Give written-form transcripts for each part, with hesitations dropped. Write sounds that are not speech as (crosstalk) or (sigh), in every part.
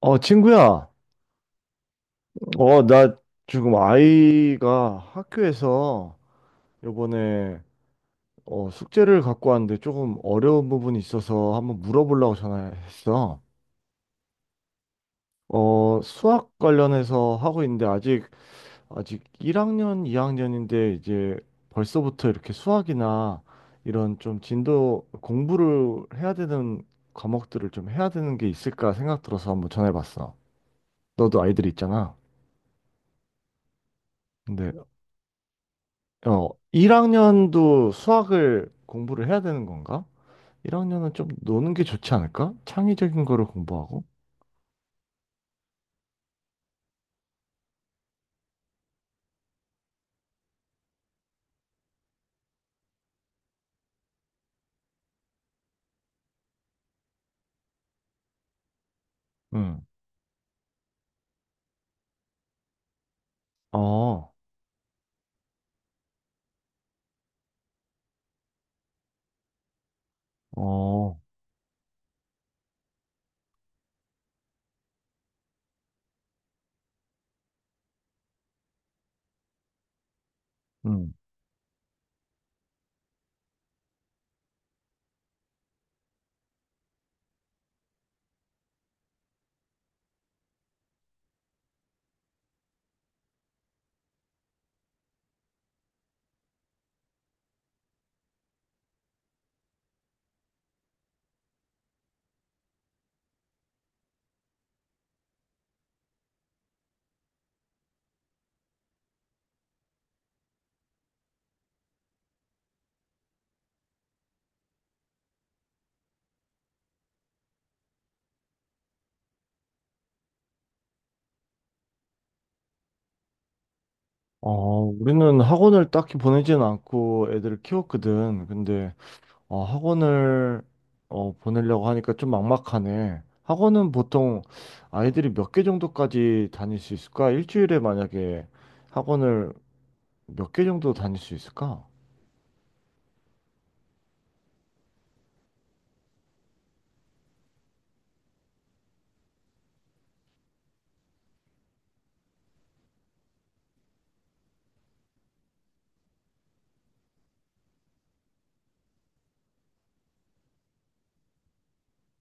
친구야. 나 지금 아이가 학교에서 요번에 숙제를 갖고 왔는데 조금 어려운 부분이 있어서 한번 물어보려고 전화했어. 수학 관련해서 하고 있는데 아직 1학년, 2학년인데 이제 벌써부터 이렇게 수학이나 이런 좀 진도 공부를 해야 되는 과목들을 좀 해야 되는 게 있을까 생각 들어서 한번 전화해봤어. 너도 아이들 있잖아. 근데 어, 1학년도 수학을 공부를 해야 되는 건가? 1학년은 좀 노는 게 좋지 않을까? 창의적인 거를 공부하고? 응. 어, 어, 응. 어, 우리는 학원을 딱히 보내지는 않고 애들을 키웠거든. 근데, 어, 학원을, 보내려고 하니까 좀 막막하네. 학원은 보통 아이들이 몇 개 정도까지 다닐 수 있을까? 일주일에 만약에 학원을 몇 개 정도 다닐 수 있을까?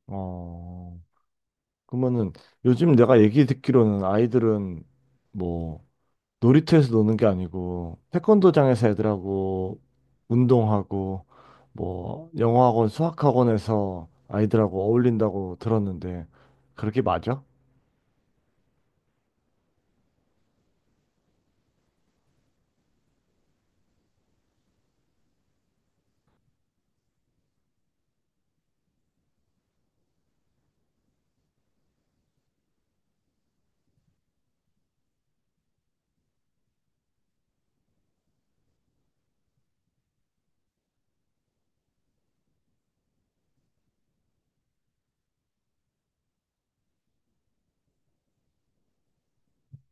어, 그러면은 요즘 내가 얘기 듣기로는 아이들은 뭐 놀이터에서 노는 게 아니고 태권도장에서 애들하고 운동하고 뭐 영어학원, 수학학원에서 아이들하고 어울린다고 들었는데 그렇게 맞아?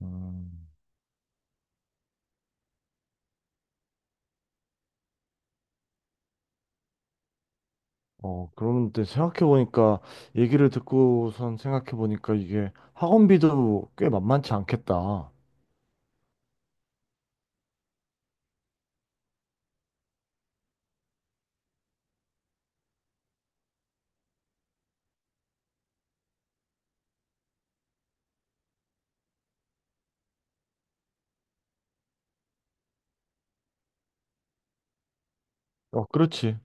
음. 그런데 생각해보니까 얘기를 듣고선 생각해보니까 이게 학원비도 꽤 만만치 않겠다. 어, 그렇지.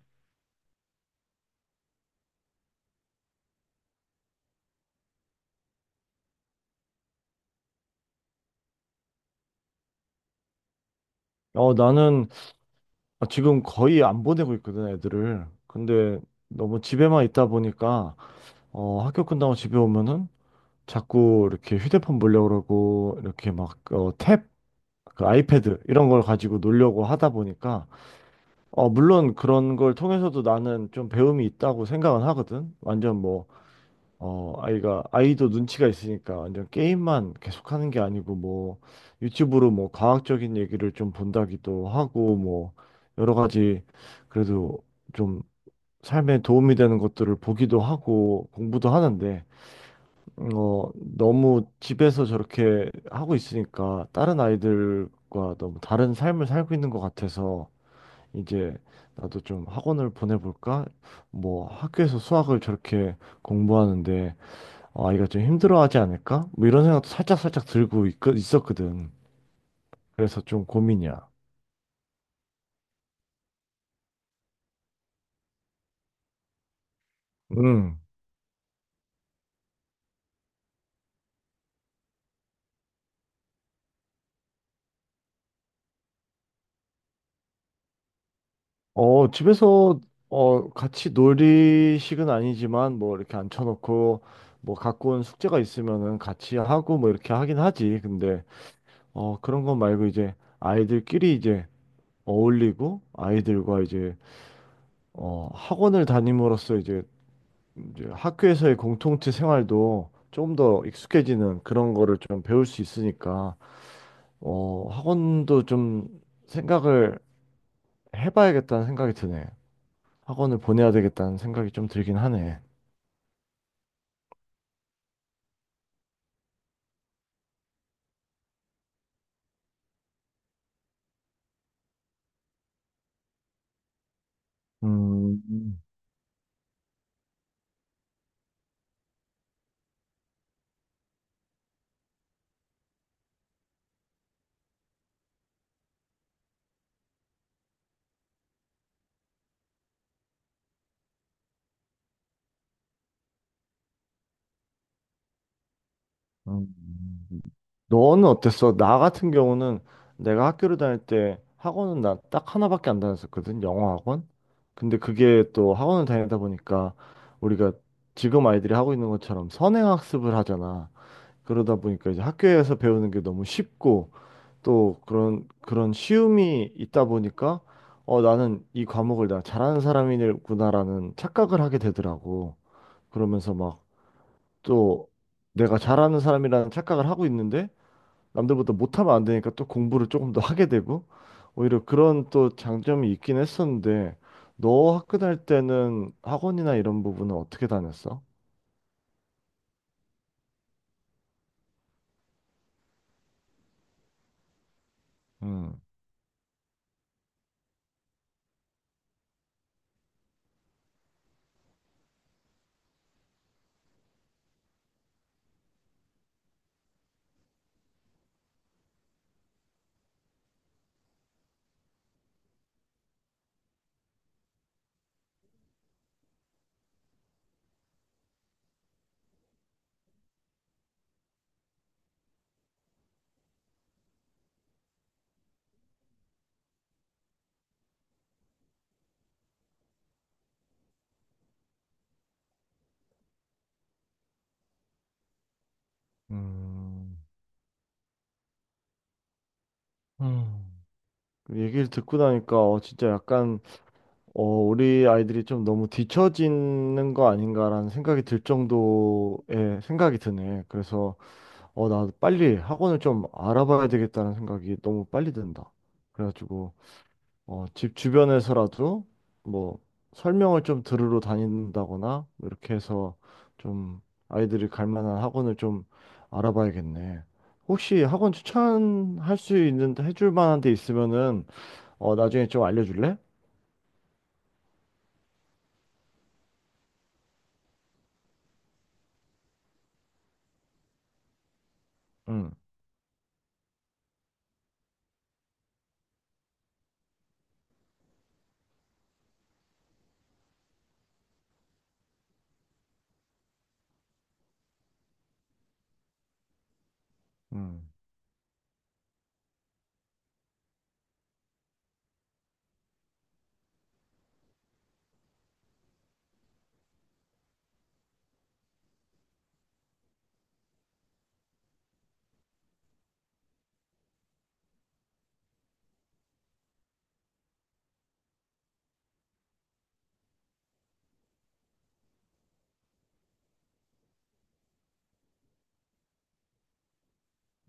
나는 아, 지금 거의 안 보내고 있거든, 애들을. 근데 너무 집에만 있다 보니까, 학교 끝나고 집에 오면은 자꾸 이렇게 휴대폰 보려고 그러고, 이렇게 막, 탭, 그 아이패드, 이런 걸 가지고 놀려고 하다 보니까, 물론 그런 걸 통해서도 나는 좀 배움이 있다고 생각은 하거든. 완전 뭐, 아이도 눈치가 있으니까 완전 게임만 계속하는 게 아니고, 뭐, 유튜브로 뭐, 과학적인 얘기를 좀 본다기도 하고, 뭐, 여러 가지, 그래도 좀 삶에 도움이 되는 것들을 보기도 하고, 공부도 하는데, 음, 어, 너무 집에서 저렇게 하고 있으니까, 다른 아이들과 너무 다른 삶을 살고 있는 것 같아서, 이제, 나도 좀 학원을 보내볼까? 뭐, 학교에서 수학을 저렇게 공부하는데, 아, 이거 좀 힘들어하지 않을까? 뭐 이런 생각도 살짝살짝 들고 있었거든. 그래서 좀 고민이야. 음, 집에서, 같이 놀이식은 아니지만, 뭐, 이렇게 앉혀놓고, 뭐, 갖고 온 숙제가 있으면은 같이 하고, 뭐, 이렇게 하긴 하지. 근데, 그런 건 말고, 이제, 아이들끼리 이제 어울리고, 아이들과 이제, 학원을 다님으로써 이제, 이제 학교에서의 공동체 생활도 좀 더 익숙해지는 그런 거를 좀 배울 수 있으니까, 학원도 좀 생각을 해봐야겠다는 생각이 드네. 학원을 보내야 되겠다는 생각이 좀 들긴 하네. 음, 음. 너는 어땠어? 나 같은 경우는 내가 학교를 다닐 때 학원은 나 딱 하나밖에 안 다녔었거든. 영어 학원. 근데 그게 또 학원을 다니다 보니까 우리가 지금 아이들이 하고 있는 것처럼 선행학습을 하잖아. 그러다 보니까 이제 학교에서 배우는 게 너무 쉽고 또 그런 쉬움이 있다 보니까 어 나는 이 과목을 내가 잘하는 사람이구나라는 착각을 하게 되더라고. 그러면서 막 또 내가 잘하는 사람이라는 착각을 하고 있는데 남들보다 못하면 안 되니까 또 공부를 조금 더 하게 되고 오히려 그런 또 장점이 있긴 했었는데 너 학교 다닐 때는 학원이나 이런 부분은 어떻게 다녔어? 음. 음, 음, 그 얘기를 듣고 나니까 어 진짜 약간 어, 우리 아이들이 좀 너무 뒤처지는 거 아닌가라는 생각이 들 정도의 생각이 드네. 그래서, 나도 빨리 학원을 좀 알아봐야 되겠다는 생각이 너무 빨리 든다. 그래가지고, 집 주변에서라도 뭐 설명을 좀 들으러 다닌다거나 이렇게 해서 좀 아이들이 갈 만한 학원을 좀 알아봐야겠네. 혹시 학원 추천할 수 있는, 해줄 만한 데 있으면은, 나중에 좀 알려줄래? 응, 응.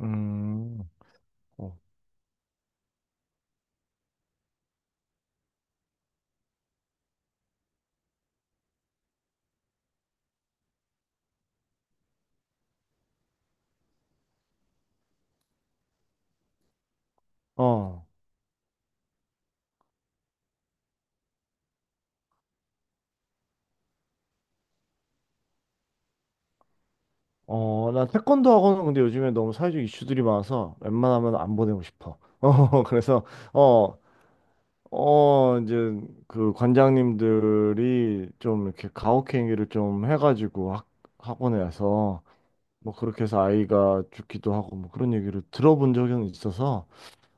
음, 어, 어, 어, 나 태권도 학원은 근데 요즘에 너무 사회적 이슈들이 많아서 웬만하면 안 보내고 싶어. (laughs) 어, 그래서, 어, 어, 이제 그 관장님들이 좀 이렇게 가혹행위를 좀 해가지고 학원에서 뭐 그렇게 해서 아이가 죽기도 하고 뭐 그런 얘기를 들어본 적은 있어서,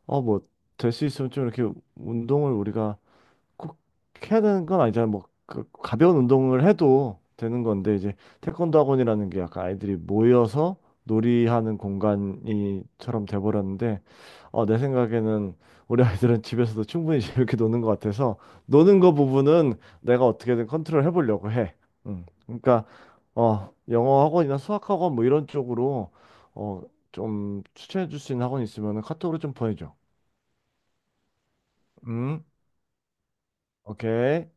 어, 뭐, 될 수 있으면 좀 이렇게 운동을 우리가 꼭 해야 되는 건 아니잖아요. 뭐 그, 가벼운 운동을 해도 되는 건데 이제 태권도 학원이라는 게 약간 아이들이 모여서 놀이하는 공간이처럼 돼버렸는데 내 생각에는 우리 아이들은 집에서도 충분히 (laughs) 재밌게 노는 것 같아서 노는 거 부분은 내가 어떻게든 컨트롤 해보려고 해. 음. 그러니까 영어 학원이나 수학 학원 뭐 이런 쪽으로 어, 좀 추천해 줄 수 있는 학원 이 있으면 카톡으로 좀 보내줘. 음, 오케이.